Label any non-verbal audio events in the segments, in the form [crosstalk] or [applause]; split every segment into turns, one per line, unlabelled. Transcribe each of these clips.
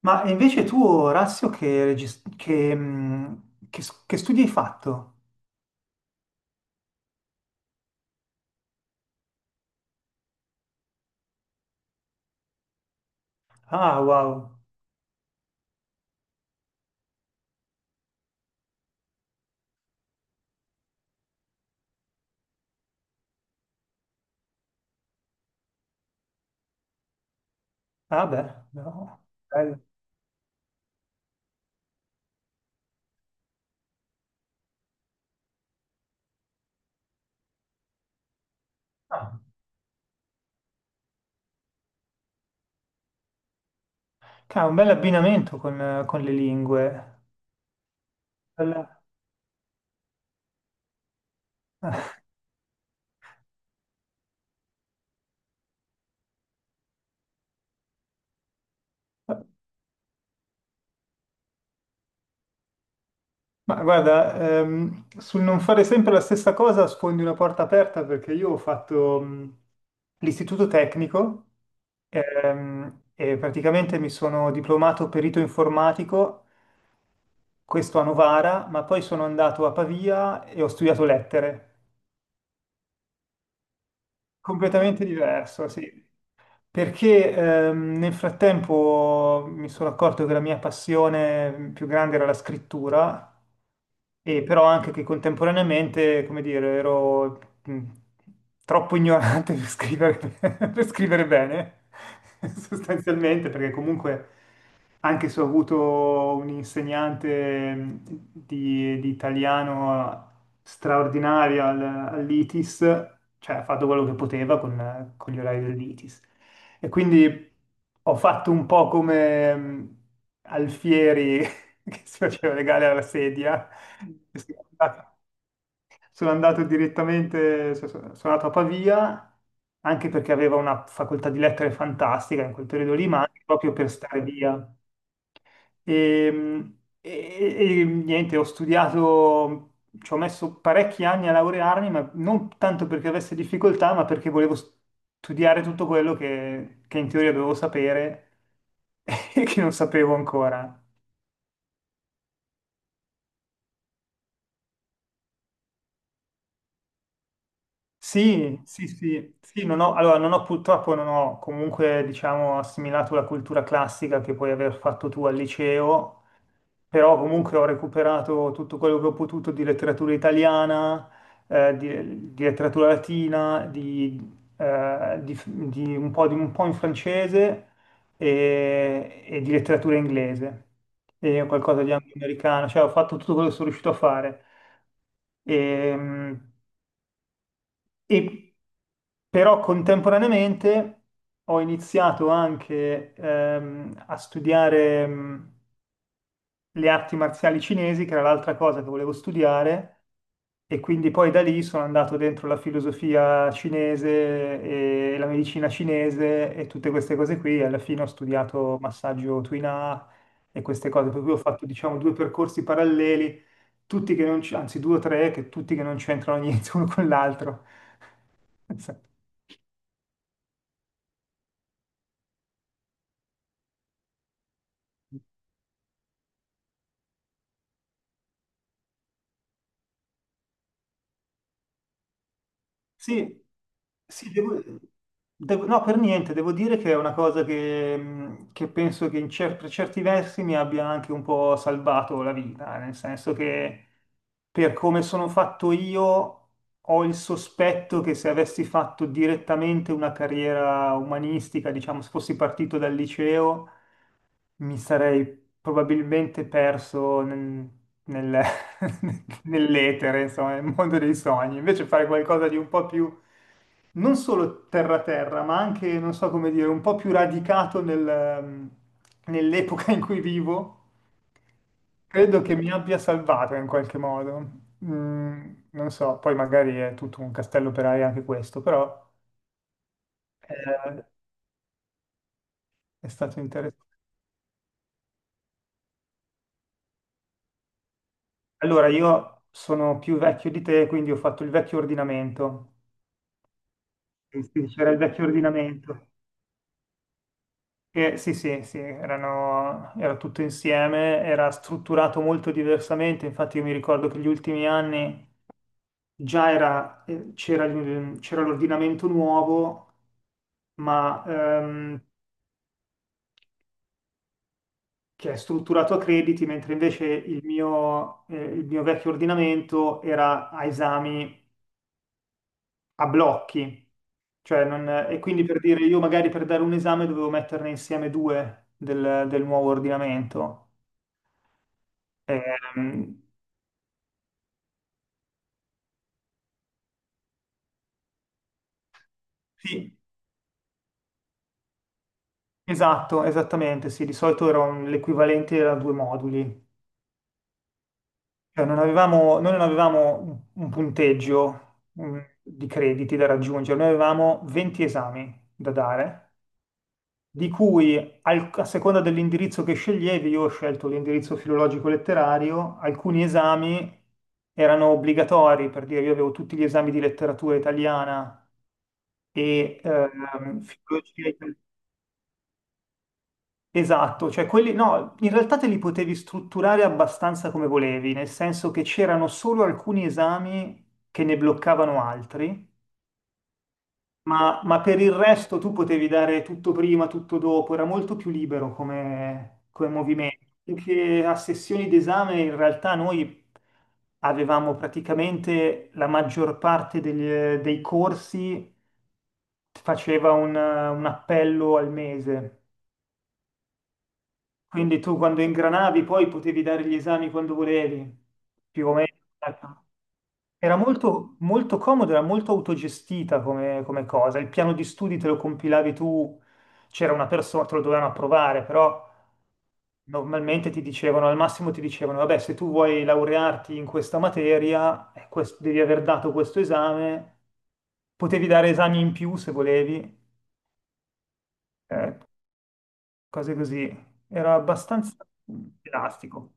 Ma invece tu, Orazio, che, che studi hai fatto? Ah, wow. Ah, beh, no. Bello. Ah, un bel abbinamento con le lingue. Bella. Ma guarda, sul non fare sempre la stessa cosa sfondi una porta aperta perché io ho fatto l'istituto tecnico e praticamente mi sono diplomato perito informatico questo a Novara, ma poi sono andato a Pavia e ho studiato lettere. Completamente diverso, sì. Perché nel frattempo mi sono accorto che la mia passione più grande era la scrittura, e però anche che contemporaneamente, come dire, ero mh, troppo ignorante [laughs] per scrivere bene, [laughs] sostanzialmente, perché comunque anche se ho avuto un insegnante di italiano straordinario all'ITIS, cioè ha fatto quello che poteva con gli orari dell'ITIS. E quindi ho fatto un po' come Alfieri [laughs] che si faceva legare alla sedia. Sono andato sono andato direttamente, sono andato a Pavia, anche perché aveva una facoltà di lettere fantastica in quel periodo lì, ma anche proprio per stare via. E niente, ho studiato, ci ho messo parecchi anni a laurearmi, ma non tanto perché avessi difficoltà, ma perché volevo studiare tutto quello che in teoria dovevo sapere [laughs] e che non sapevo ancora. Sì, sì, sì, sì, non ho, allora non ho purtroppo, non ho comunque, diciamo, assimilato la cultura classica che puoi aver fatto tu al liceo, però comunque ho recuperato tutto quello che ho potuto di letteratura italiana, di letteratura latina, eh, di- di un po', un po' in francese e di letteratura inglese e qualcosa di, ah, anche americano, cioè ho fatto tutto quello che sono riuscito a fare. Ehm, E, però contemporaneamente ho iniziato anche a studiare, le arti marziali cinesi, che era l'altra cosa che volevo studiare, e quindi poi da lì sono andato dentro la filosofia cinese e la medicina cinese e tutte queste cose qui, e alla fine ho studiato massaggio Tuina e queste cose, per cui ho fatto diciamo due percorsi paralleli, tutti che non c- anzi due o tre, che tutti che non c'entrano niente [laughs] uno con l'altro. [laughs] Sì, sì, no, per niente, devo dire che è una cosa che penso che per certi versi mi abbia anche un po' salvato la vita, nel senso che per come sono fatto io ho il sospetto che se avessi fatto direttamente una carriera umanistica, diciamo, se fossi partito dal liceo, mi sarei probabilmente perso nel- [laughs] nell'etere, insomma, nel mondo dei sogni. Invece fare qualcosa di un po' più, non solo terra-terra, ma anche, non so come dire, un po' più radicato nell'epoca in cui vivo, credo che mi abbia salvato in qualche modo. Mm, non so, poi magari è tutto un castello per aria anche questo, però eh, è stato interessante. Allora, io sono più vecchio di te, quindi ho fatto il vecchio ordinamento. Sì, sì, c'era il vecchio ordinamento. Che, sì, sì, sì, erano, era tutto insieme, era strutturato molto diversamente. Infatti, io mi ricordo che gli ultimi anni già era, c'era l'ordinamento nuovo, ma che è strutturato a crediti, mentre invece il mio vecchio ordinamento era a esami a blocchi, e quindi per dire io magari per dare un esame dovevo metterne insieme due del nuovo ordinamento. Ehm, sì, esatto, esattamente, sì, di solito l'equivalente era due moduli, cioè non avevamo, noi non avevamo un punteggio di crediti da raggiungere, noi avevamo 20 esami da dare di cui a seconda dell'indirizzo che sceglievi, io ho scelto l'indirizzo filologico-letterario, alcuni esami erano obbligatori, per dire io avevo tutti gli esami di letteratura italiana e filologia italiana. Esatto, cioè quelli no, in realtà te li potevi strutturare abbastanza come volevi, nel senso che c'erano solo alcuni esami che ne bloccavano altri. Ma per il resto tu potevi dare tutto prima, tutto dopo, era molto più libero come, come movimento. Perché a sessioni d'esame in realtà noi avevamo praticamente la maggior parte dei corsi faceva un appello al mese. Quindi tu quando ingranavi poi potevi dare gli esami quando volevi, più o meno. Era molto, molto comodo, era molto autogestita come, come cosa. Il piano di studi te lo compilavi tu, c'era una persona, te lo dovevano approvare, però normalmente ti dicevano, al massimo ti dicevano, vabbè, se tu vuoi laurearti in questa materia, devi aver dato questo esame, potevi dare esami in più se volevi, eh, cose così. Era abbastanza elastico.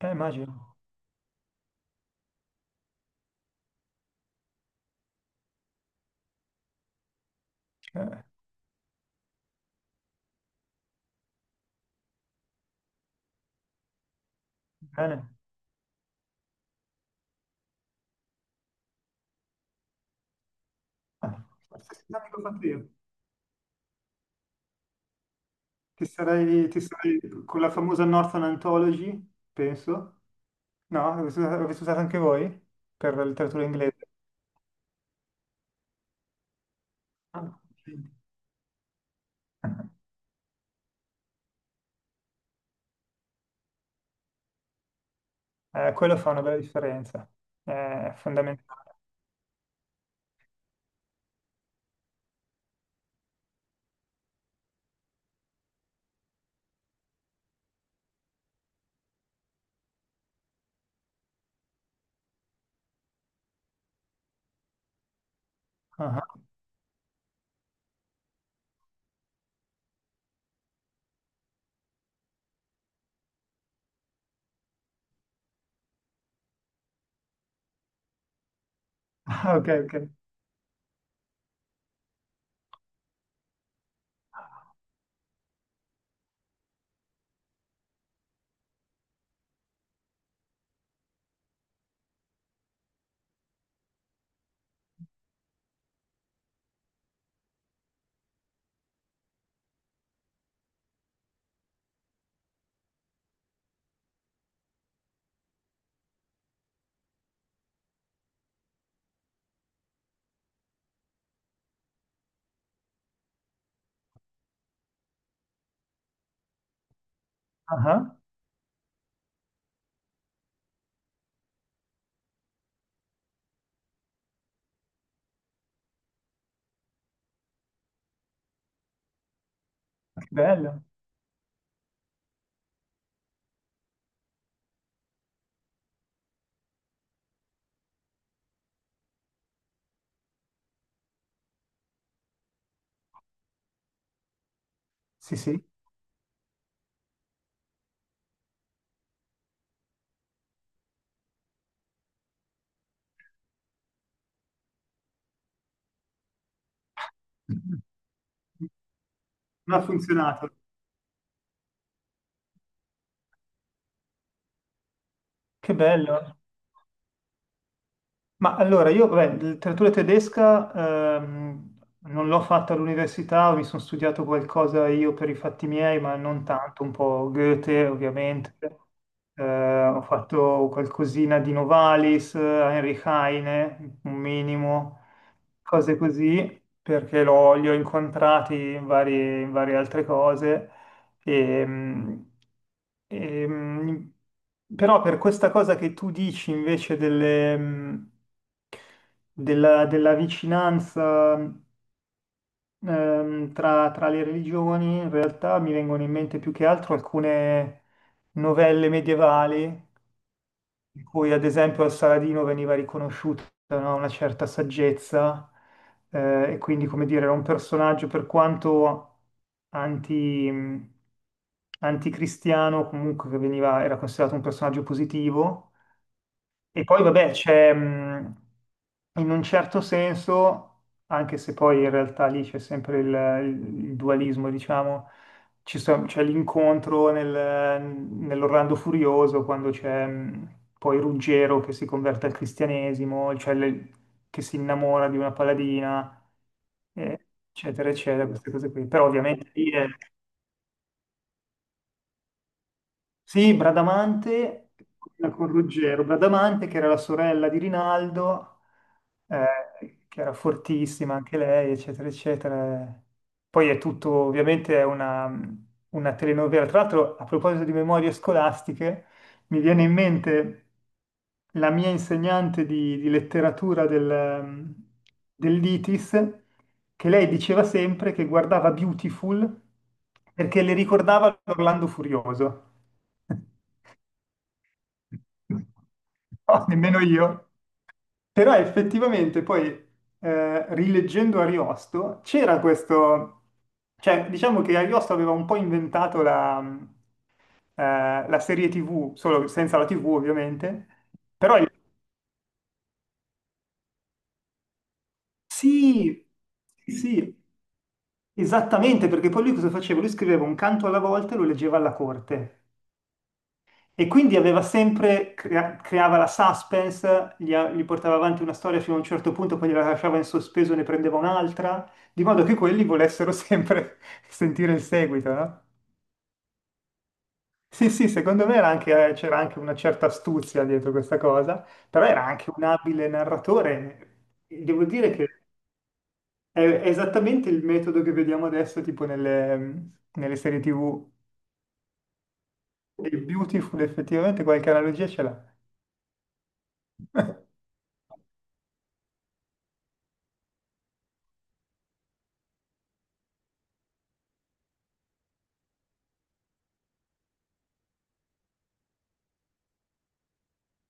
Immagino. Eh, bene. Ah, esame che ho fatto io. Ti sarei con la famosa Northern Anthology, penso. No, l'avete usata anche voi per la letteratura inglese? Ah, ok. Quello fa una bella differenza, è fondamentale. Ah, ah, ok, ok. Ah, ah, che bello. Sì, sì. Non ha funzionato. Che bello. Ma allora, io, beh, letteratura tedesca ehm, non l'ho fatta all'università, mi sono studiato qualcosa io per i fatti miei, ma non tanto, un po' Goethe ovviamente. Ho fatto qualcosina di Novalis, Heinrich Heine, un minimo, cose così, perché li ho incontrati in varie altre cose. E, mm, e, mm, però per questa cosa che tu dici invece della vicinanza tra, tra le religioni, in realtà mi vengono in mente più che altro alcune novelle medievali in cui ad esempio al Saladino veniva riconosciuta, no, una certa saggezza, e quindi, come dire, era un personaggio per quanto anti, mh, anticristiano, comunque che veniva, era considerato un personaggio positivo. E poi vabbè, c'è, in un certo senso, anche se poi in realtà lì c'è sempre il dualismo, diciamo, c'è l'incontro nell'Orlando Furioso quando c'è, poi Ruggero che si converte al cristianesimo, che si innamora di una paladina, eccetera, eccetera, queste cose qui. Però ovviamente lì è... Sì, Bradamante, quella con Ruggero, Bradamante che era la sorella di Rinaldo, che era fortissima anche lei, eccetera, eccetera. Poi è tutto, ovviamente è una telenovela. Tra l'altro, a proposito di memorie scolastiche, mi viene in mente la mia insegnante di letteratura dell'ITIS, che lei diceva sempre che guardava Beautiful perché le ricordava l'Orlando Furioso. No, nemmeno io. Però effettivamente poi, rileggendo Ariosto, c'era questo... Cioè, diciamo che Ariosto aveva un po' inventato la serie TV, solo senza la TV ovviamente. Però il- sì, sì, esattamente, perché poi lui cosa faceva? Lui scriveva un canto alla volta e lo leggeva alla corte. E quindi aveva sempre, creava la suspense, gli portava avanti una storia fino a un certo punto, poi gliela lasciava in sospeso e ne prendeva un'altra, di modo che quelli volessero sempre [laughs] sentire il seguito, no? Sì, sì, secondo me c'era anche una certa astuzia dietro questa cosa, però era anche un abile narratore. Devo dire che è esattamente il metodo che vediamo adesso, tipo nelle, nelle serie TV. Il Beautiful effettivamente qualche analogia ce l'ha. [laughs]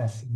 Eh sì.